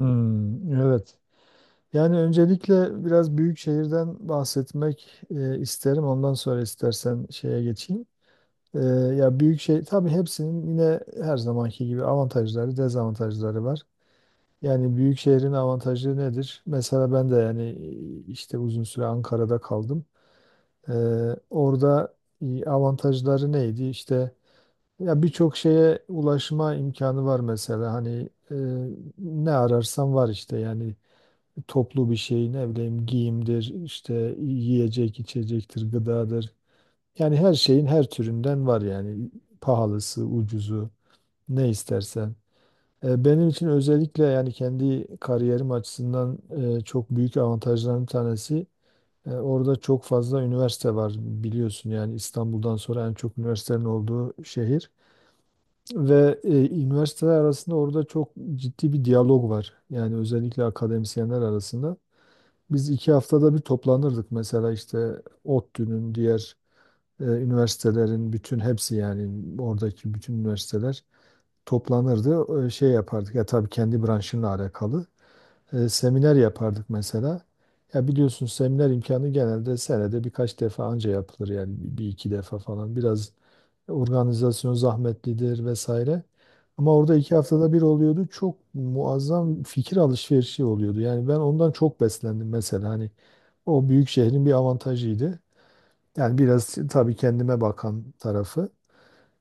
Hmm, evet. Yani öncelikle biraz büyük şehirden bahsetmek isterim. Ondan sonra istersen şeye geçeyim. E, Ya büyük şehir tabii hepsinin yine her zamanki gibi avantajları, dezavantajları var. Yani büyük şehrin avantajı nedir? Mesela ben de yani işte uzun süre Ankara'da kaldım. E, Orada avantajları neydi? İşte ya birçok şeye ulaşma imkanı var mesela. Hani ne ararsan var işte yani toplu bir şeyin ne bileyim giyimdir, işte yiyecek, içecektir, gıdadır. Yani her şeyin her türünden var yani pahalısı, ucuzu ne istersen. Benim için özellikle yani kendi kariyerim açısından çok büyük avantajların bir tanesi, orada çok fazla üniversite var, biliyorsun yani İstanbul'dan sonra en çok üniversitenin olduğu şehir ve üniversiteler arasında orada çok ciddi bir diyalog var. Yani özellikle akademisyenler arasında. Biz iki haftada bir toplanırdık mesela, işte ODTÜ'nün diğer üniversitelerin bütün hepsi, yani oradaki bütün üniversiteler toplanırdı. Şey yapardık ya, tabii kendi branşınla alakalı seminer yapardık mesela. Ya biliyorsun seminer imkanı genelde senede birkaç defa anca yapılır, yani bir iki defa falan. Biraz organizasyon zahmetlidir vesaire. Ama orada iki haftada bir oluyordu. Çok muazzam fikir alışverişi oluyordu. Yani ben ondan çok beslendim mesela. Hani o büyük şehrin bir avantajıydı. Yani biraz tabii kendime bakan tarafı.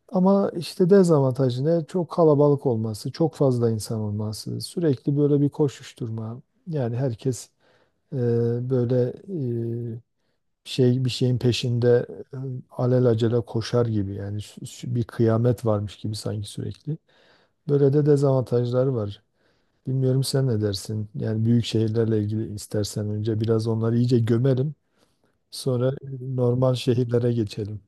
Ama işte dezavantajı ne? Çok kalabalık olması, çok fazla insan olması, sürekli böyle bir koşuşturma. Yani herkes e, böyle e, şey, bir şeyin peşinde, e, alelacele koşar gibi yani bir kıyamet varmış gibi sanki, sürekli. Böyle de dezavantajları var. Bilmiyorum sen ne dersin? Yani büyük şehirlerle ilgili istersen önce biraz onları iyice gömelim. Sonra normal şehirlere geçelim.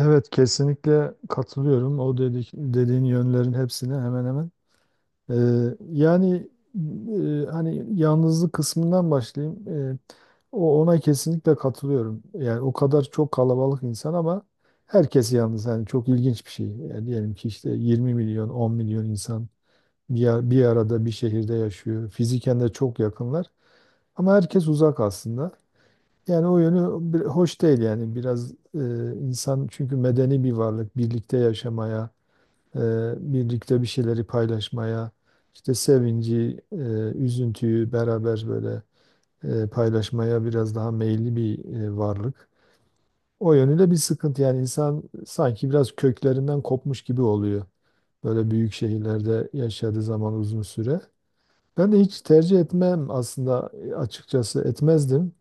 Evet, kesinlikle katılıyorum. O dediğin yönlerin hepsine, hemen hemen. Ee, Yani hani yalnızlık kısmından başlayayım. O, ona kesinlikle katılıyorum. Yani o kadar çok kalabalık insan ama herkes yalnız. Yani çok ilginç bir şey. Yani diyelim ki işte 20 milyon, 10 milyon insan bir arada bir şehirde yaşıyor. Fiziken de çok yakınlar ama herkes uzak aslında. Yani o yönü hoş değil, yani biraz, insan çünkü medeni bir varlık, birlikte yaşamaya, e, birlikte bir şeyleri paylaşmaya, işte sevinci, üzüntüyü beraber böyle paylaşmaya biraz daha meyilli bir varlık. O yönüyle bir sıkıntı, yani insan sanki biraz köklerinden kopmuş gibi oluyor. Böyle büyük şehirlerde yaşadığı zaman uzun süre. Ben de hiç tercih etmem aslında, açıkçası etmezdim.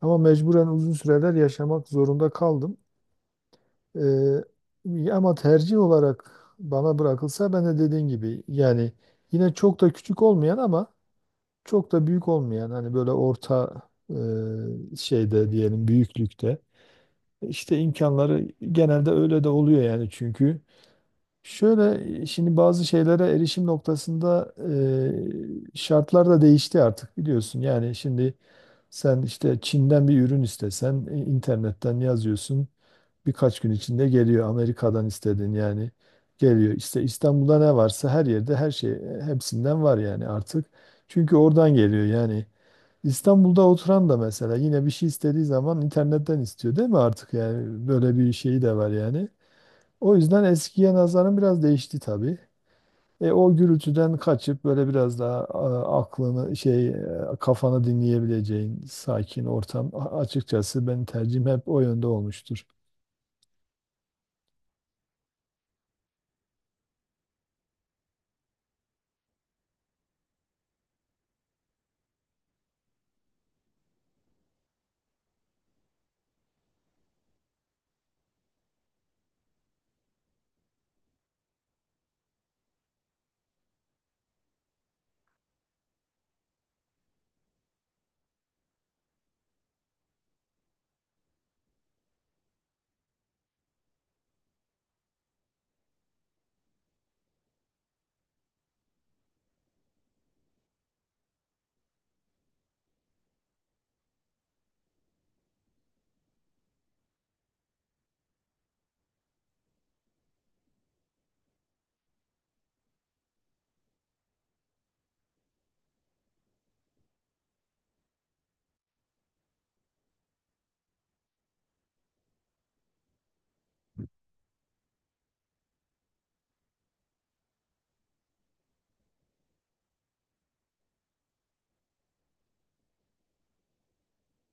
Ama mecburen uzun süreler yaşamak zorunda kaldım. Ama tercih olarak bana bırakılsa, ben de dediğin gibi yani yine çok da küçük olmayan ama çok da büyük olmayan, hani böyle orta şeyde diyelim, büyüklükte. İşte imkanları genelde öyle de oluyor yani çünkü. Şöyle, şimdi bazı şeylere erişim noktasında şartlar da değişti artık, biliyorsun. Yani şimdi sen işte Çin'den bir ürün istesen internetten yazıyorsun. Birkaç gün içinde geliyor. Amerika'dan istedin, yani geliyor. İşte İstanbul'da ne varsa her yerde her şey, hepsinden var yani artık. Çünkü oradan geliyor yani. İstanbul'da oturan da mesela yine bir şey istediği zaman internetten istiyor değil mi artık, yani böyle bir şeyi de var yani. O yüzden eskiye nazaran biraz değişti tabii. O gürültüden kaçıp böyle biraz daha aklını şey, kafanı dinleyebileceğin sakin ortam, açıkçası benim tercihim hep o yönde olmuştur.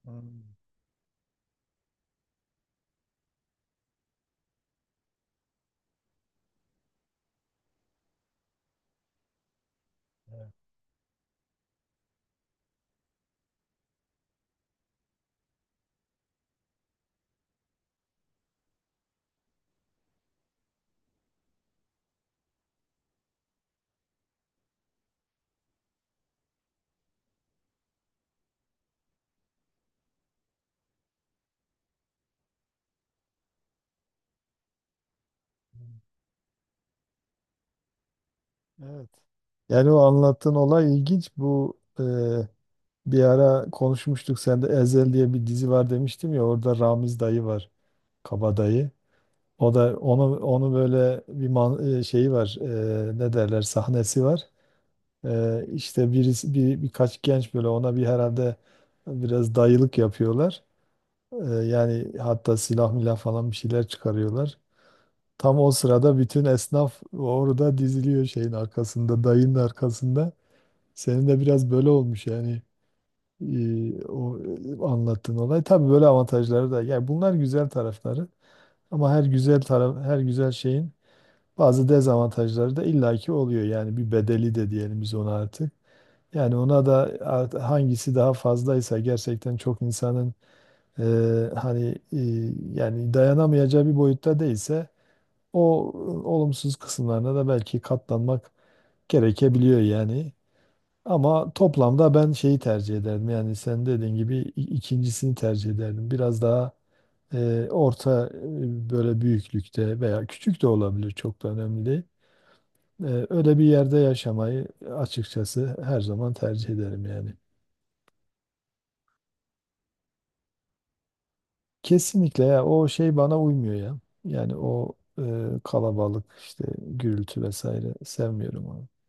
Hmm. Hmm. Evet. Yani o anlattığın olay ilginç. Bu, bir ara konuşmuştuk. Sen de Ezel diye bir dizi var demiştim ya, orada Ramiz dayı var. Kabadayı. O da onu böyle bir şeyi var. Ne derler, sahnesi var. İşte birisi, bir birkaç genç böyle ona bir herhalde biraz dayılık yapıyorlar. Yani hatta silah milah falan bir şeyler çıkarıyorlar. Tam o sırada bütün esnaf orada diziliyor şeyin arkasında, dayının arkasında. Senin de biraz böyle olmuş yani, anlattığın olay. Tabii böyle avantajları da. Yani bunlar güzel tarafları. Ama her güzel taraf, her güzel şeyin bazı dezavantajları da illaki oluyor. Yani bir bedeli de diyelim biz ona artık. Yani ona da hangisi daha fazlaysa, gerçekten çok insanın e, hani yani dayanamayacağı bir boyutta değilse o olumsuz kısımlarına da belki katlanmak gerekebiliyor yani. Ama toplamda ben şeyi tercih ederdim. Yani sen dediğin gibi ikincisini tercih ederdim. Biraz daha orta böyle büyüklükte, veya küçük de olabilir, çok da önemli değil. Öyle bir yerde yaşamayı açıkçası her zaman tercih ederim yani. Kesinlikle ya, o şey bana uymuyor ya. Yani o kalabalık, işte gürültü vesaire, sevmiyorum onu.